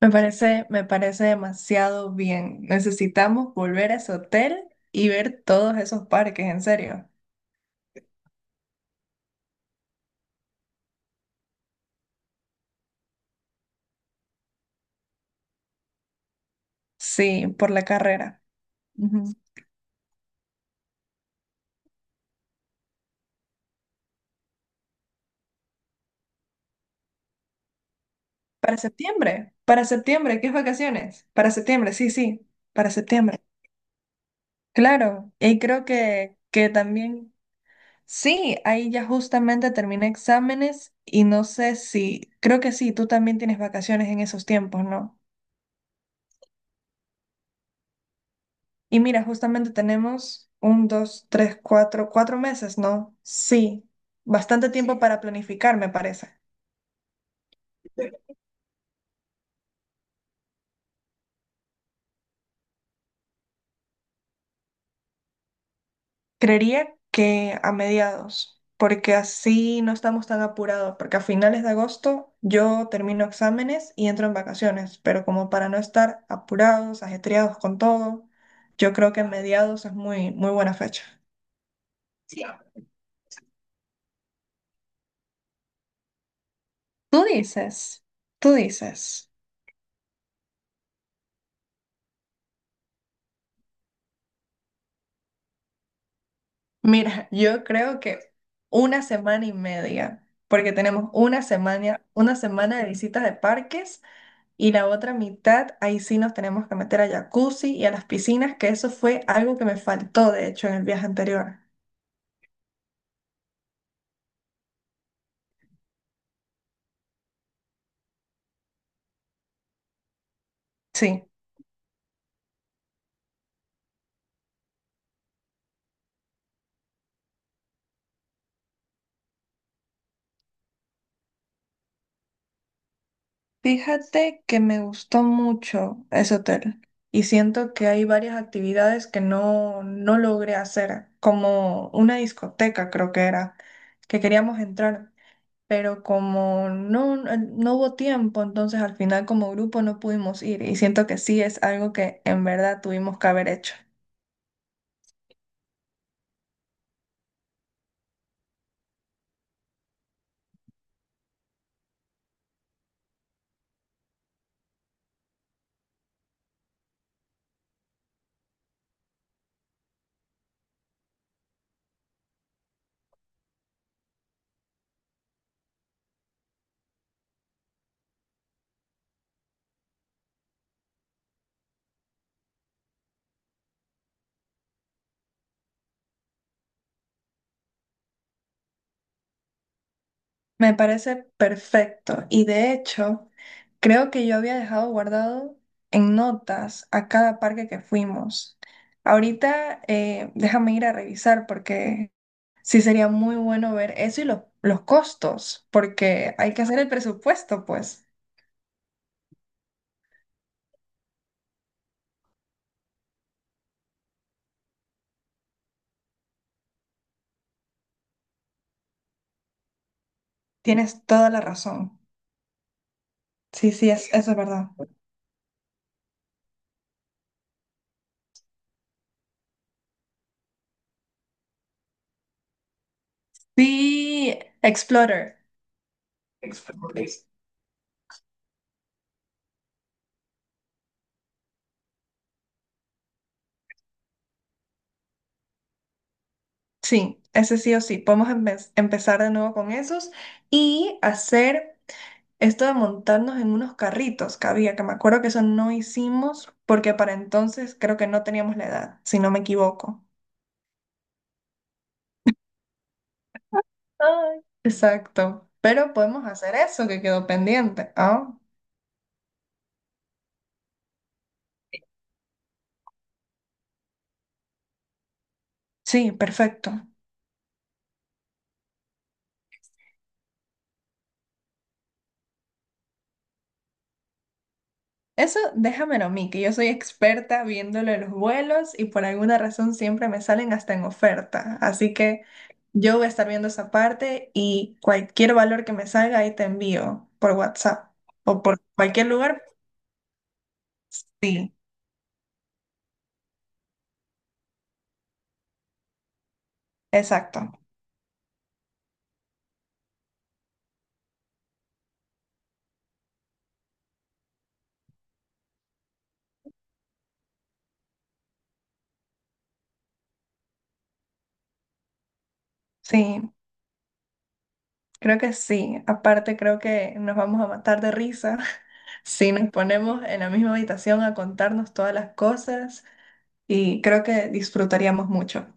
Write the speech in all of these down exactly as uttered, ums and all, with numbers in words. Me parece, me parece demasiado bien. Necesitamos volver a ese hotel y ver todos esos parques, en serio. Sí, por la carrera. Ujú. Para septiembre, para septiembre, ¿qué es vacaciones? Para septiembre, sí, sí, para septiembre. Claro, y creo que, que también, sí, ahí ya justamente terminé exámenes y no sé si, creo que sí, tú también tienes vacaciones en esos tiempos, ¿no? Y mira, justamente tenemos un, dos, tres, cuatro, cuatro meses, ¿no? Sí, bastante tiempo para planificar, me parece. Creería que a mediados, porque así no estamos tan apurados, porque a finales de agosto yo termino exámenes y entro en vacaciones, pero como para no estar apurados, ajetreados con todo, yo creo que a mediados es muy, muy buena fecha. Tú dices, tú dices. Mira, yo creo que una semana y media, porque tenemos una semana, una semana de visitas de parques y la otra mitad, ahí sí nos tenemos que meter a jacuzzi y a las piscinas, que eso fue algo que me faltó, de hecho, en el viaje anterior. Sí. Fíjate que me gustó mucho ese hotel y siento que hay varias actividades que no, no logré hacer, como una discoteca creo que era, que queríamos entrar. Pero como no, no no hubo tiempo, entonces al final como grupo no pudimos ir y siento que sí es algo que en verdad tuvimos que haber hecho. Me parece perfecto y de hecho creo que yo había dejado guardado en notas a cada parque que fuimos. Ahorita eh, déjame ir a revisar porque sí sería muy bueno ver eso y los, los costos, porque hay que hacer el presupuesto, pues. Tienes toda la razón. Sí, sí, es- eso es verdad. Vi Explorer. Explorer. Sí, ese sí o sí. Podemos empe- empezar de nuevo con esos y hacer esto de montarnos en unos carritos que había, que me acuerdo que eso no hicimos porque para entonces creo que no teníamos la edad, si no me equivoco. Ay. Exacto. Pero podemos hacer eso que quedó pendiente. Ah, sí, perfecto. Eso déjamelo a mí, que yo soy experta viéndole los vuelos y por alguna razón siempre me salen hasta en oferta. Así que yo voy a estar viendo esa parte y cualquier valor que me salga ahí te envío por WhatsApp o por cualquier lugar. Sí, exacto. Sí, creo que sí. Aparte creo que nos vamos a matar de risa si nos ponemos en la misma habitación a contarnos todas las cosas y creo que disfrutaríamos mucho.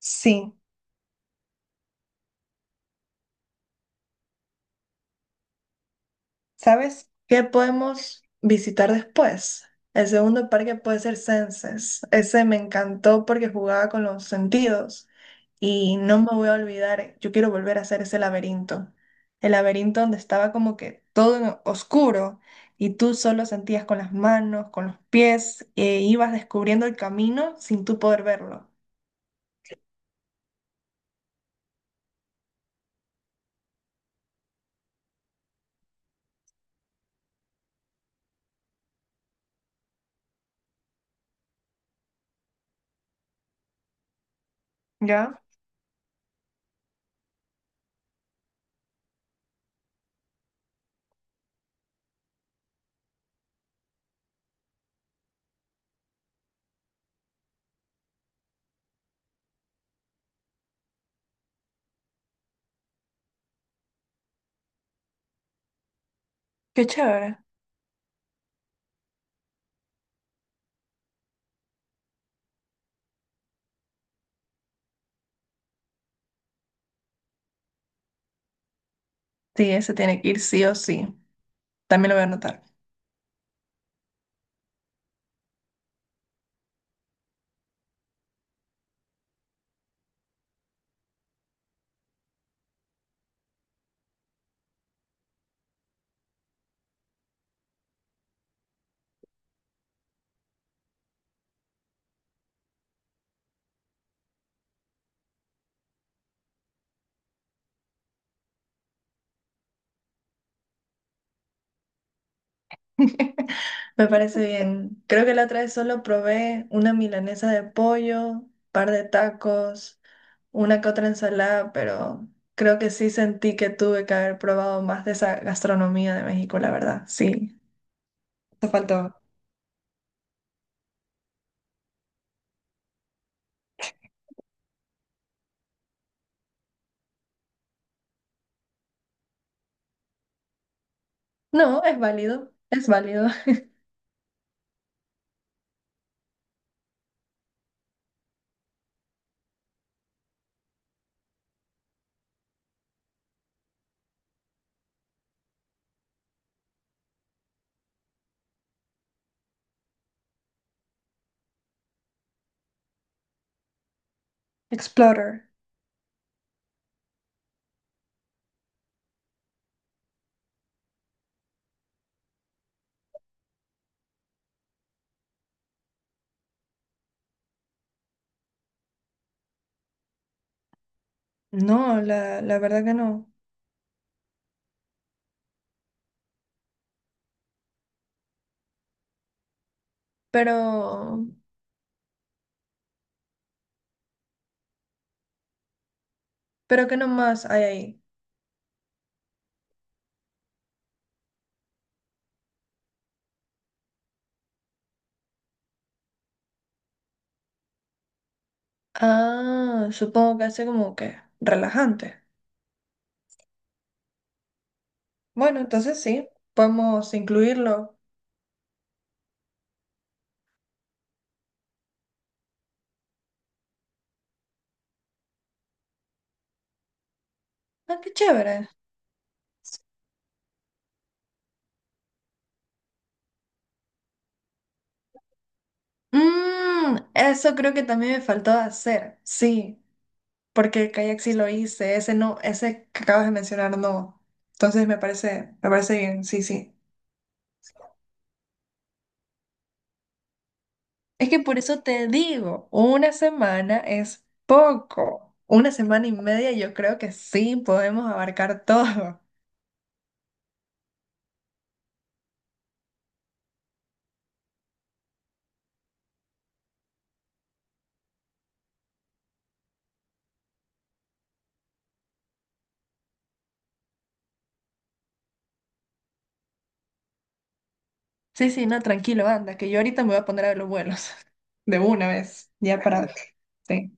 Sí. ¿Sabes qué podemos visitar después? El segundo parque puede ser Senses. Ese me encantó porque jugaba con los sentidos y no me voy a olvidar, yo quiero volver a hacer ese laberinto. El laberinto donde estaba como que todo en oscuro y tú solo sentías con las manos, con los pies e ibas descubriendo el camino sin tú poder verlo. ¿Ya? Qué chévere. Sí, ese tiene que ir sí o sí. También lo voy a anotar. Me parece bien. Creo que la otra vez solo probé una milanesa de pollo, par de tacos, una que otra ensalada, pero creo que sí sentí que tuve que haber probado más de esa gastronomía de México, la verdad. Sí. Te faltó. No, es válido, es válido. Explorer. No, la, la verdad que no. Pero, pero ¿qué nomás hay ahí? Ah, supongo que hace como que relajante. Bueno, entonces sí, podemos incluirlo. Ah, qué chévere. Mm, eso creo que también me faltó hacer, sí, porque el kayak sí lo hice, ese no, ese que acabas de mencionar no. Entonces me parece, me parece bien, sí, sí. Es que por eso te digo, una semana es poco. Una semana y media yo creo que sí podemos abarcar todo. Sí, sí, no, tranquilo, anda, que yo ahorita me voy a poner a ver los vuelos de una vez, ya para... sí.